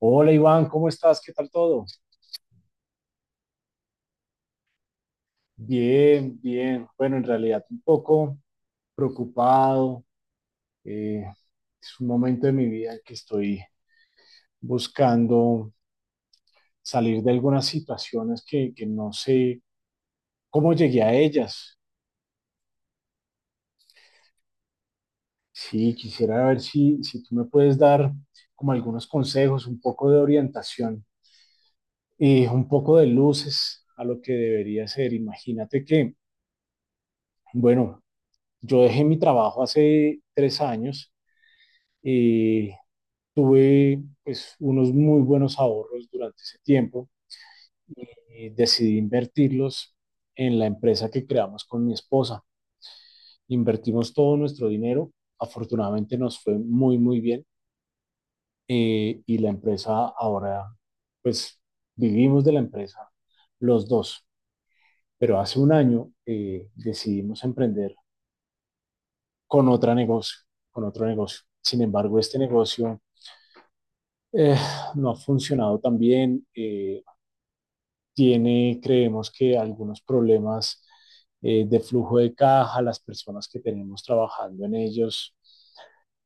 Hola Iván, ¿cómo estás? ¿Qué tal todo? Bien, bien. Bueno, en realidad un poco preocupado. eh, es un momento de mi vida en que estoy buscando salir de algunas situaciones que no sé cómo llegué a ellas. Sí, quisiera ver si tú me puedes dar como algunos consejos, un poco de orientación y un poco de luces a lo que debería ser. Imagínate que, bueno, yo dejé mi trabajo hace 3 años. Eh, Tuve pues, unos muy buenos ahorros durante ese tiempo y decidí invertirlos en la empresa que creamos con mi esposa. Invertimos todo nuestro dinero, afortunadamente nos fue muy, muy bien. Y la empresa ahora, pues vivimos de la empresa los dos, pero hace un año decidimos emprender con otro negocio, con otro negocio. Sin embargo, este negocio eh, no ha funcionado tan bien. Tiene, creemos que algunos problemas de flujo de caja, las personas que tenemos trabajando en ellos,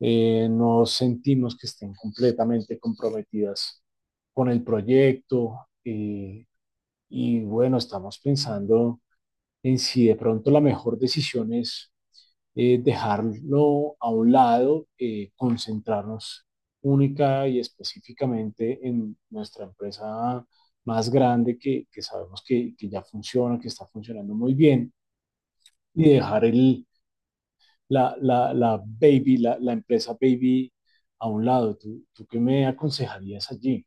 no sentimos que estén completamente comprometidas con el proyecto. Y bueno, estamos pensando en si de pronto la mejor decisión es dejarlo a un lado, concentrarnos única y específicamente en nuestra empresa más grande que sabemos que ya funciona, que está funcionando muy bien, y dejar la baby, empresa baby a un lado. ¿Tú qué me aconsejarías allí?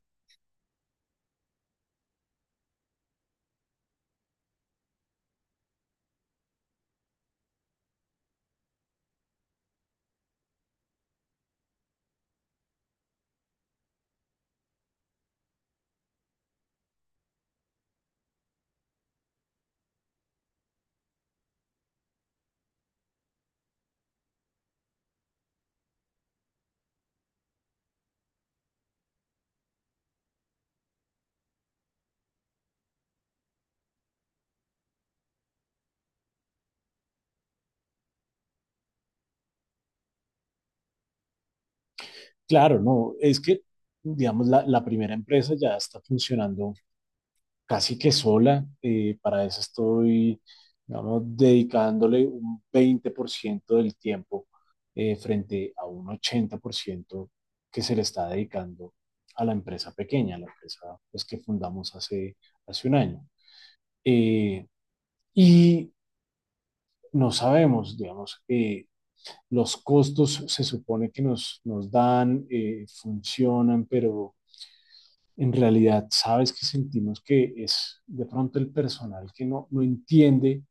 Claro, no, es que, digamos, la primera empresa ya está funcionando casi que sola. Para eso estoy, digamos, dedicándole un 20% del tiempo frente a un 80% que se le está dedicando a la empresa pequeña, a la empresa pues, que fundamos hace un año. Eh, y no sabemos, digamos, los costos se supone que nos dan, funcionan, pero en realidad sabes que sentimos que es de pronto el personal que no entiende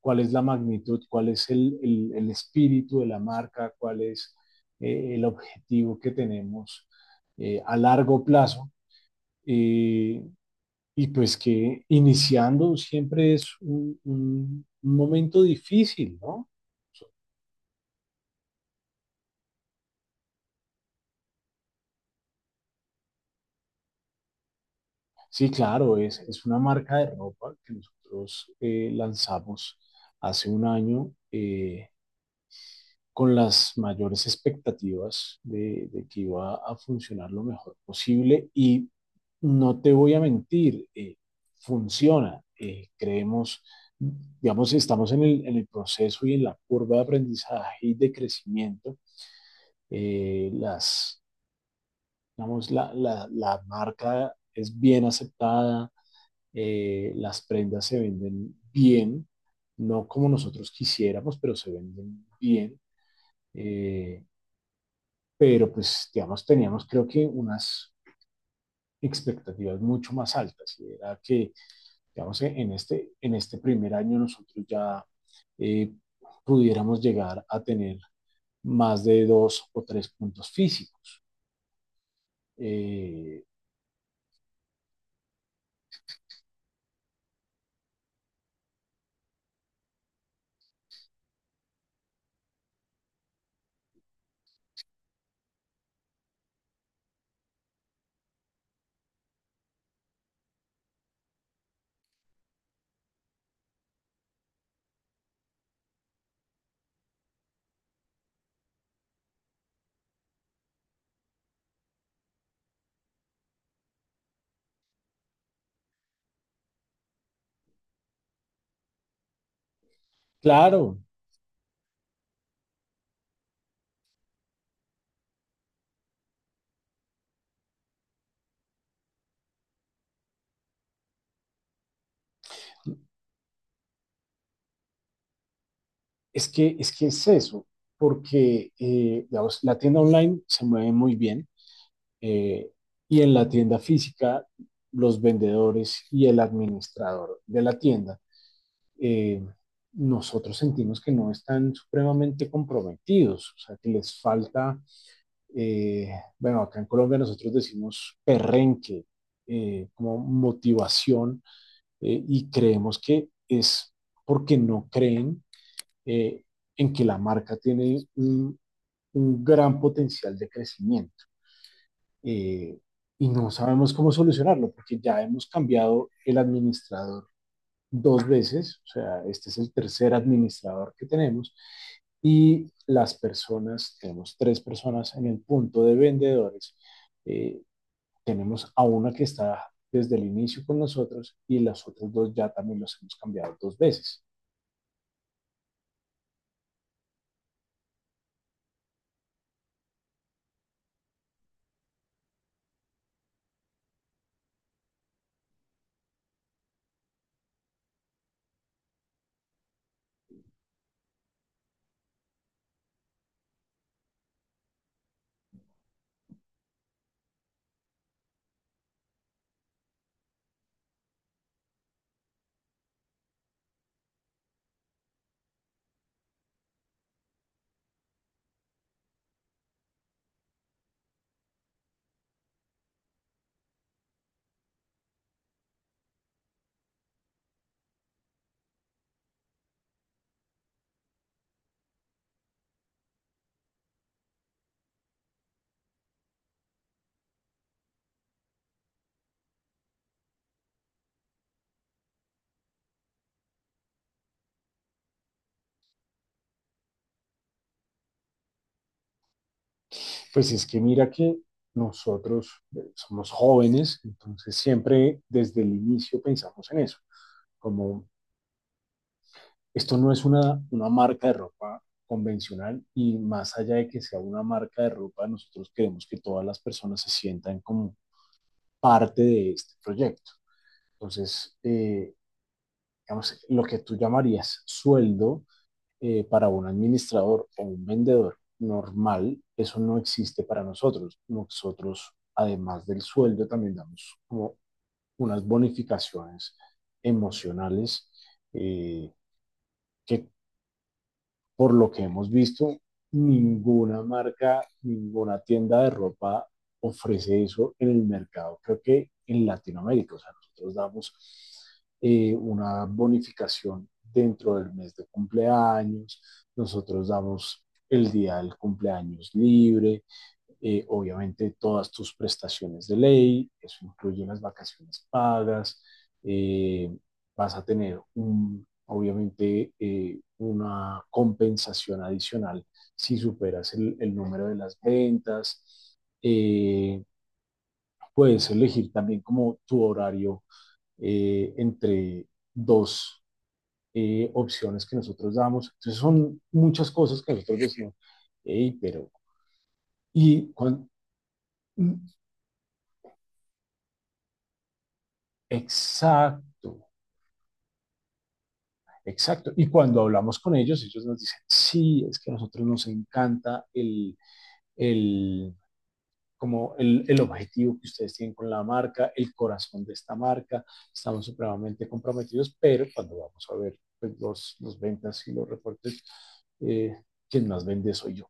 cuál es la magnitud, cuál es el espíritu de la marca, cuál es el objetivo que tenemos a largo plazo. eh, y pues que iniciando siempre es un, un momento difícil, ¿no? Sí, claro, es una marca de ropa que nosotros lanzamos hace un año. Con las mayores expectativas de que iba a funcionar lo mejor posible y no te voy a mentir, funciona. Creemos, digamos, estamos en el proceso y en la curva de aprendizaje y de crecimiento. Eh, las, digamos, la marca es bien aceptada, las prendas se venden bien, no como nosotros quisiéramos, pero se venden bien. Eh, pero pues, digamos, teníamos creo que unas expectativas mucho más altas y era que, digamos, en este primer año nosotros ya eh, pudiéramos llegar a tener más de 2 o 3 puntos físicos. Eh, claro, es que, es que es eso, porque, digamos, la tienda online se mueve muy bien, eh, y en la tienda física los vendedores y el administrador de la tienda, eh, nosotros sentimos que no están supremamente comprometidos, o sea, que les falta, eh, bueno, acá en Colombia nosotros decimos perrenque, como motivación, y creemos que es porque no creen eh, en que la marca tiene un gran potencial de crecimiento. Eh, y no sabemos cómo solucionarlo porque ya hemos cambiado el administrador 2 veces, o sea, este es el tercer administrador que tenemos, y las personas, tenemos 3 personas en el punto de vendedores, eh, tenemos a una que está desde el inicio con nosotros y las otras dos ya también los hemos cambiado 2 veces. Pues es que mira que nosotros somos jóvenes, entonces siempre desde el inicio pensamos en eso, como esto no es una marca de ropa convencional y más allá de que sea una marca de ropa, nosotros queremos que todas las personas se sientan como parte de este proyecto. Entonces, digamos, lo que tú llamarías sueldo para un administrador o un vendedor normal, eso no existe para nosotros. Nosotros, además del sueldo, también damos como unas bonificaciones emocionales eh, que por lo que hemos visto, ninguna marca, ninguna tienda de ropa ofrece eso en el mercado, creo que en Latinoamérica. O sea, nosotros damos una bonificación dentro del mes de cumpleaños, nosotros damos el día del cumpleaños libre, obviamente todas tus prestaciones de ley, eso incluye las vacaciones pagas, eh, vas a tener un, obviamente una compensación adicional si superas el número de las ventas. Puedes elegir también como tu horario entre dos opciones que nosotros damos. Entonces son muchas cosas que nosotros decimos, hey, pero... Y cuando, exacto, exacto. Y cuando hablamos con ellos, ellos nos dicen, sí, es que a nosotros nos encanta el, como el objetivo que ustedes tienen con la marca, el corazón de esta marca, estamos supremamente comprometidos, pero cuando vamos a ver pues, los ventas y los reportes, eh, quien más vende soy yo.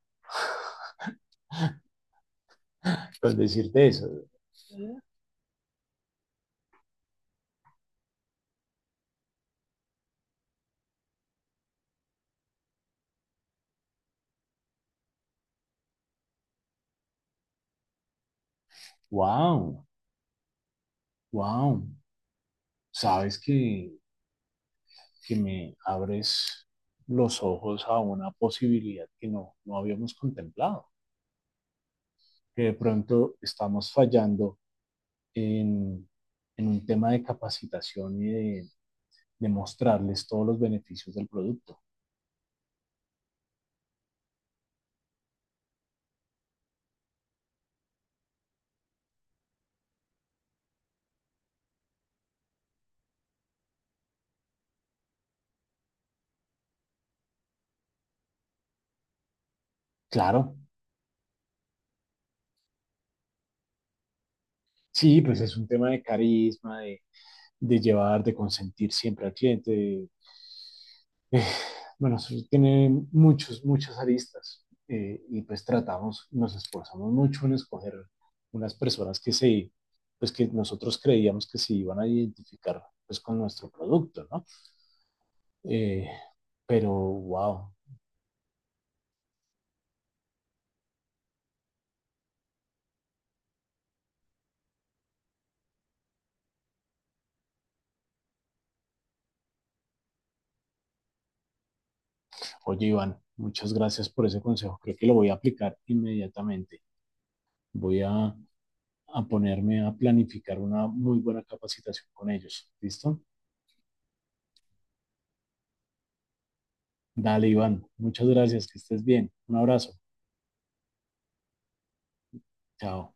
Pues decirte eso, wow, wow, sabes que me abres los ojos a una posibilidad que no habíamos contemplado, que de pronto estamos fallando en, en un tema de capacitación de mostrarles todos los beneficios del producto. Claro, sí, pues es un tema de carisma, de llevar, de consentir siempre al cliente, de, bueno, sí, tiene muchos, muchas aristas y pues tratamos, nos esforzamos mucho en escoger unas personas pues que nosotros creíamos que se iban a identificar pues con nuestro producto, ¿no? Eh, pero, wow, oye Iván, muchas gracias por ese consejo, creo que lo voy a aplicar inmediatamente, voy a ponerme a planificar una muy buena capacitación con ellos, ¿listo? Dale Iván, muchas gracias, que estés bien, un abrazo, chao.